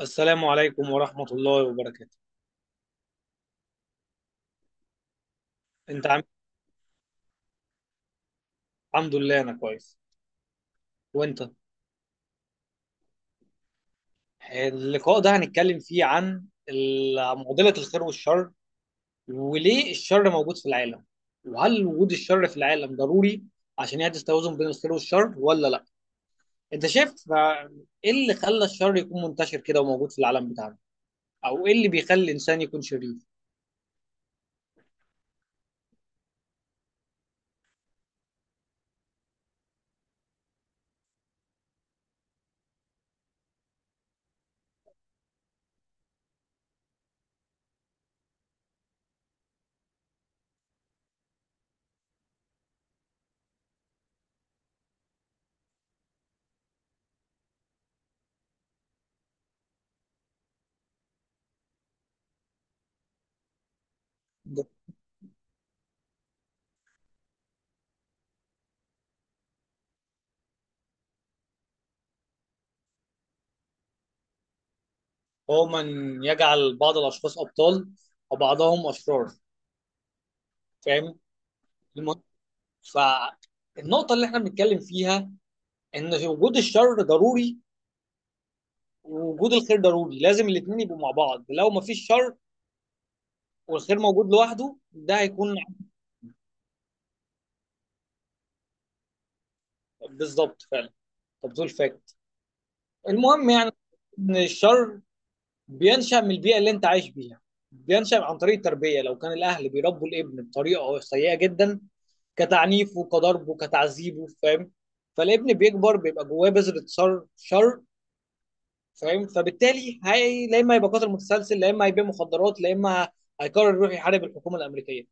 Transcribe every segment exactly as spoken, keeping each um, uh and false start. السلام عليكم ورحمة الله وبركاته. انت عامل إيه؟ الحمد لله انا كويس. وانت؟ اللقاء ده هنتكلم فيه عن ال- معضلة الخير والشر، وليه الشر موجود في العالم، وهل وجود الشر في العالم ضروري عشان يحدث توازن بين الخير والشر ولا لا. انت شايف آه، ايه اللي خلى الشر يكون منتشر كده وموجود في العالم بتاعنا، او ايه اللي بيخلي الانسان يكون شرير؟ هو من يجعل بعض الاشخاص ابطال وبعضهم اشرار. فاهم؟ فالنقطة اللي احنا بنتكلم فيها ان في وجود الشر ضروري ووجود الخير ضروري، لازم الاتنين يبقوا مع بعض. لو ما فيش شر والخير موجود لوحده ده هيكون. بالظبط فعلا. طب دول فاكت. المهم يعني ان الشر بينشأ من البيئة اللي انت عايش بيها، بينشأ عن طريق التربية. لو كان الاهل بيربوا الابن بطريقة سيئة جدا، كتعنيفه كضربه كتعذيبه، فاهم؟ فالابن بيكبر بيبقى جواه بذرة شر شر فاهم؟ فبالتالي هي لا اما يبقى قاتل متسلسل، لا اما هيبيع مخدرات، لا اما هيقرر يروح يحارب الحكومه الامريكيه.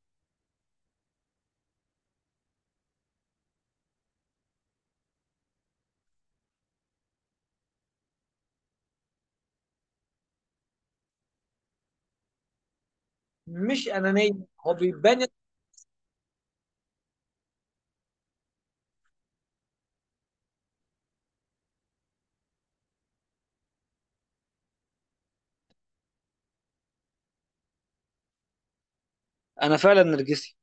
مش انانيه. هو بيبان. انا فعلا نرجسي.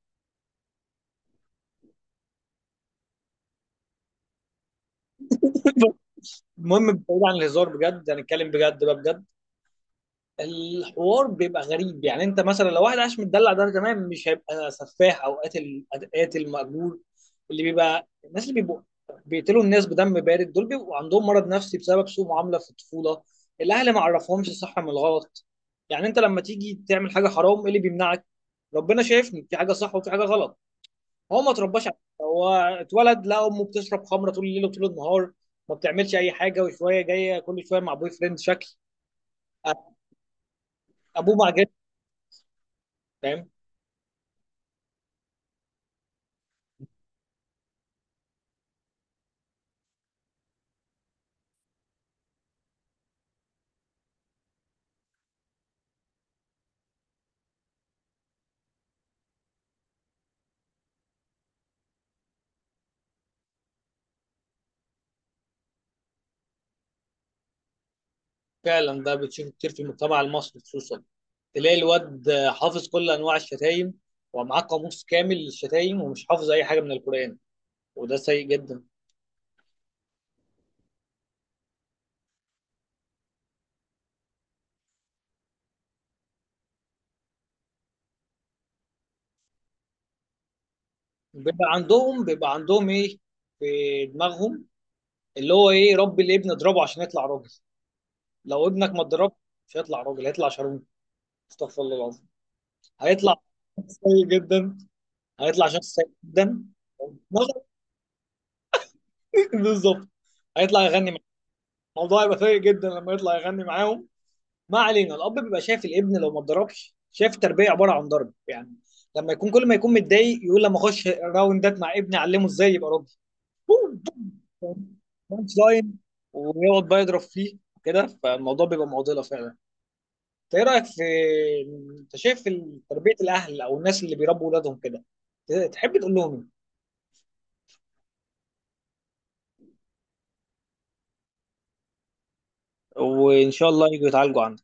المهم، بعيد عن الهزار بجد، هنتكلم بجد بقى، بجد. الحوار بيبقى غريب. يعني انت مثلا لو واحد عايش متدلع ده تمام، مش هيبقى سفاح او قاتل، قاتل مأجور. اللي بيبقى الناس اللي بيبقوا بيقتلوا الناس بدم بارد، دول بيبقوا عندهم مرض نفسي بسبب سوء معاملة في الطفولة. الاهل ما عرفهمش الصح من الغلط. يعني انت لما تيجي تعمل حاجة حرام ايه اللي بيمنعك؟ ربنا شايفني في حاجة صح وفي حاجة غلط. هو ما اترباش على كده. هو اتولد لا امه بتشرب خمرة طول الليل وطول النهار، ما بتعملش اي حاجة، وشوية جاية كل شوية مع بوي فريند شكل. أ- ابوه مع جد. فاهم؟ فعلا ده بتشوفه كتير في المجتمع المصري خصوصا. تلاقي الواد حافظ كل انواع الشتايم ومعاه قاموس كامل للشتايم ومش حافظ اي حاجه من القران. وده سيء جدا. بيبقى عندهم بيبقى عندهم ايه في دماغهم؟ اللي هو ايه، ربي الابن اضربه عشان يطلع راجل. لو ابنك ما اتضربش مش هيطلع راجل، هيطلع شرموف. استغفر الله العظيم. هيطلع سيء جدا، هيطلع شخص سيء جدا. بالظبط. هيطلع يغني معاهم. الموضوع هيبقى سيء جدا لما يطلع يغني معاهم. ما علينا. الاب بيبقى شايف الابن لو ما اتضربش، شايف التربيه عباره عن ضرب يعني. لما يكون كل ما يكون متضايق يقول لما اخش راوندات مع ابني اعلمه ازاي يبقى راجل. بوم، بوم، بانش لاين. ويقعد بقى يضرب فيه كده. فالموضوع بيبقى معضله فعلا. انت ايه رايك في، انت شايف تربيه الاهل او الناس اللي بيربوا اولادهم كده تحب تقول لهم ايه؟ وان شاء الله يجوا يتعالجوا عندك.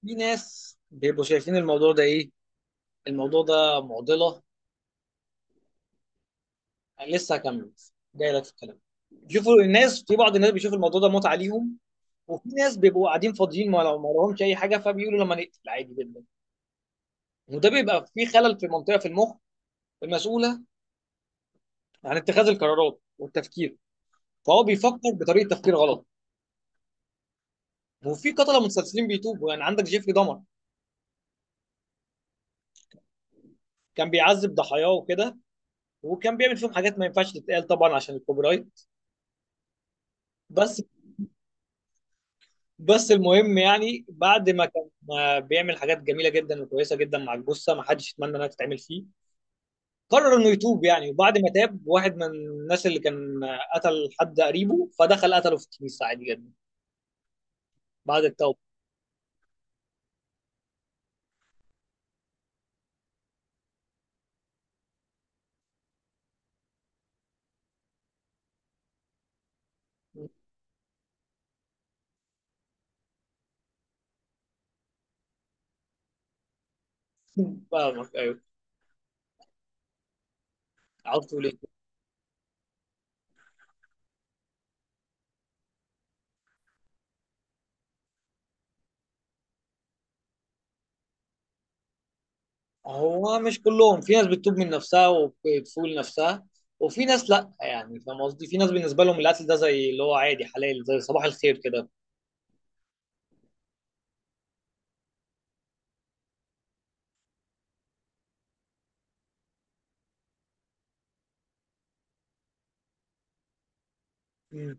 في ناس بيبقوا شايفين الموضوع ده ايه، الموضوع ده معضله. لسه هكمل، جاي لك في الكلام. شوفوا الناس، في بعض الناس بيشوف الموضوع ده متعه ليهم. وفي ناس بيبقوا قاعدين فاضيين ما ما لهمش اي حاجه، فبيقولوا لما نقتل عادي جدا. وده بيبقى فيه خلل في منطقه في المخ المسؤوله عن اتخاذ القرارات والتفكير. فهو بيفكر بطريقه تفكير غلط. وفي قتله متسلسلين بيتوبوا، يعني عندك جيفري دمر كان بيعذب ضحاياه وكده. وكان بيعمل فيهم حاجات ما ينفعش تتقال طبعا عشان الكوبي رايت. بس بس المهم يعني، بعد ما كان ما بيعمل حاجات جميله جدا وكويسه جدا مع الجثه ما حدش يتمنى انها تتعمل فيه، قرر انه يتوب يعني. وبعد ما تاب، واحد من الناس اللي كان قتل حد قريبه، فدخل قتله في الكنيسه عادي جدا بعد التوبه. فاهمك؟ ايوه، عاوز تقول ايه؟ هو مش كلهم، في ناس بتتوب من نفسها وبتفول نفسها، وفي ناس لا. يعني فاهم قصدي؟ في ناس بالنسبه لهم القتل ده زي اللي هو عادي حلال زي صباح الخير كده. مم.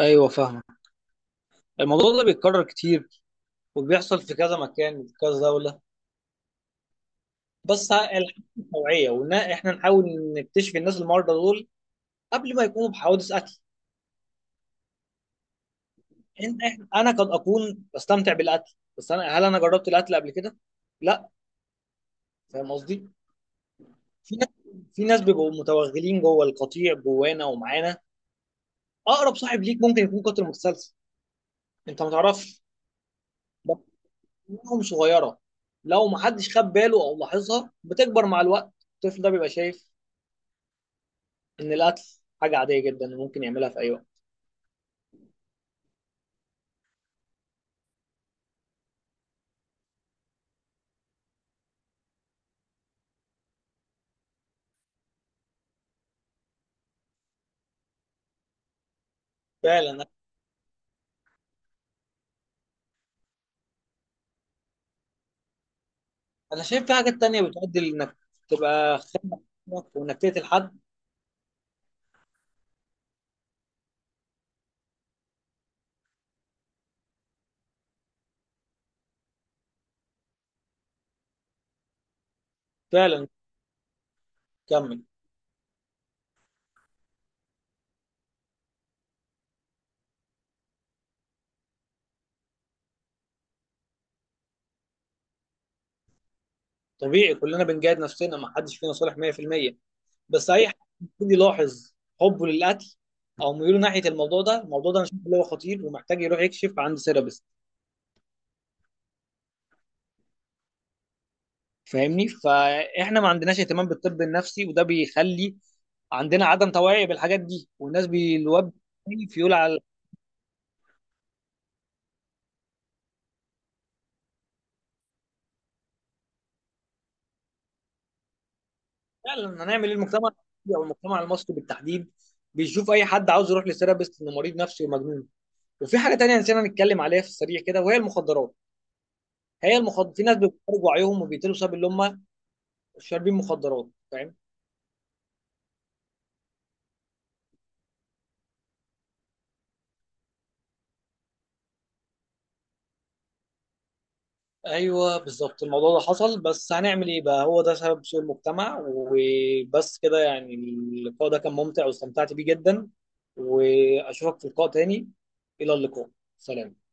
ايوه فاهمك. الموضوع ده بيتكرر كتير وبيحصل في كذا مكان في كذا دولة. بس ه- الحاجة توعية، وإن إحنا نحاول نكتشف الناس المرضى دول قبل ما يكونوا بحوادث قتل. إن إحنا أنا قد أكون بستمتع بالقتل، بس أنا هل أنا جربت القتل قبل كده؟ لا. فاهم قصدي؟ في ناس في ناس بيبقوا متوغلين جوه القطيع جوانا ومعانا. أقرب صاحب ليك ممكن يكون قاتل متسلسل، أنت ما تعرفش. بس دماغهم صغيرة، لو ما حدش خد باله أو لاحظها بتكبر مع الوقت. الطفل ده بيبقى شايف إن القتل حاجة عادية جدا وممكن يعملها في أي وقت. فعلا. انا شايف في حاجات تانية بتؤدي لانك تبقى خانق وانك تقتل حد. فعلا. كمل. طبيعي كلنا بنجاهد نفسنا، ما حدش فينا صالح مية في المية. بس اي حد يبتدي يلاحظ حبه للقتل او ميوله ناحيه الموضوع ده، الموضوع ده انا شايف اللي هو خطير ومحتاج يروح يكشف عند سيرابيست. فاهمني؟ فاحنا ما عندناش اهتمام بالطب النفسي، وده بيخلي عندنا عدم توعي بالحاجات دي، والناس بيلوب فيول على. فعلا هنعمل ايه؟ المجتمع المصري او المجتمع المصري بالتحديد بيشوف اي حد عاوز يروح لثيرابيست انه مريض نفسي ومجنون. وفي حاجه تانية نسينا نتكلم عليها في السريع كده وهي المخدرات. هي المخدرات، في ناس بيخرجوا وعيهم وبيقتلوا بسبب اللي هم شاربين مخدرات. فاهم؟ ايوه بالظبط، الموضوع ده حصل. بس هنعمل ايه بقى، هو ده سبب سوء المجتمع. وبس كده يعني، اللقاء ده كان ممتع واستمتعت بيه جدا. واشوفك في لقاء تاني. الى اللقاء. سلام.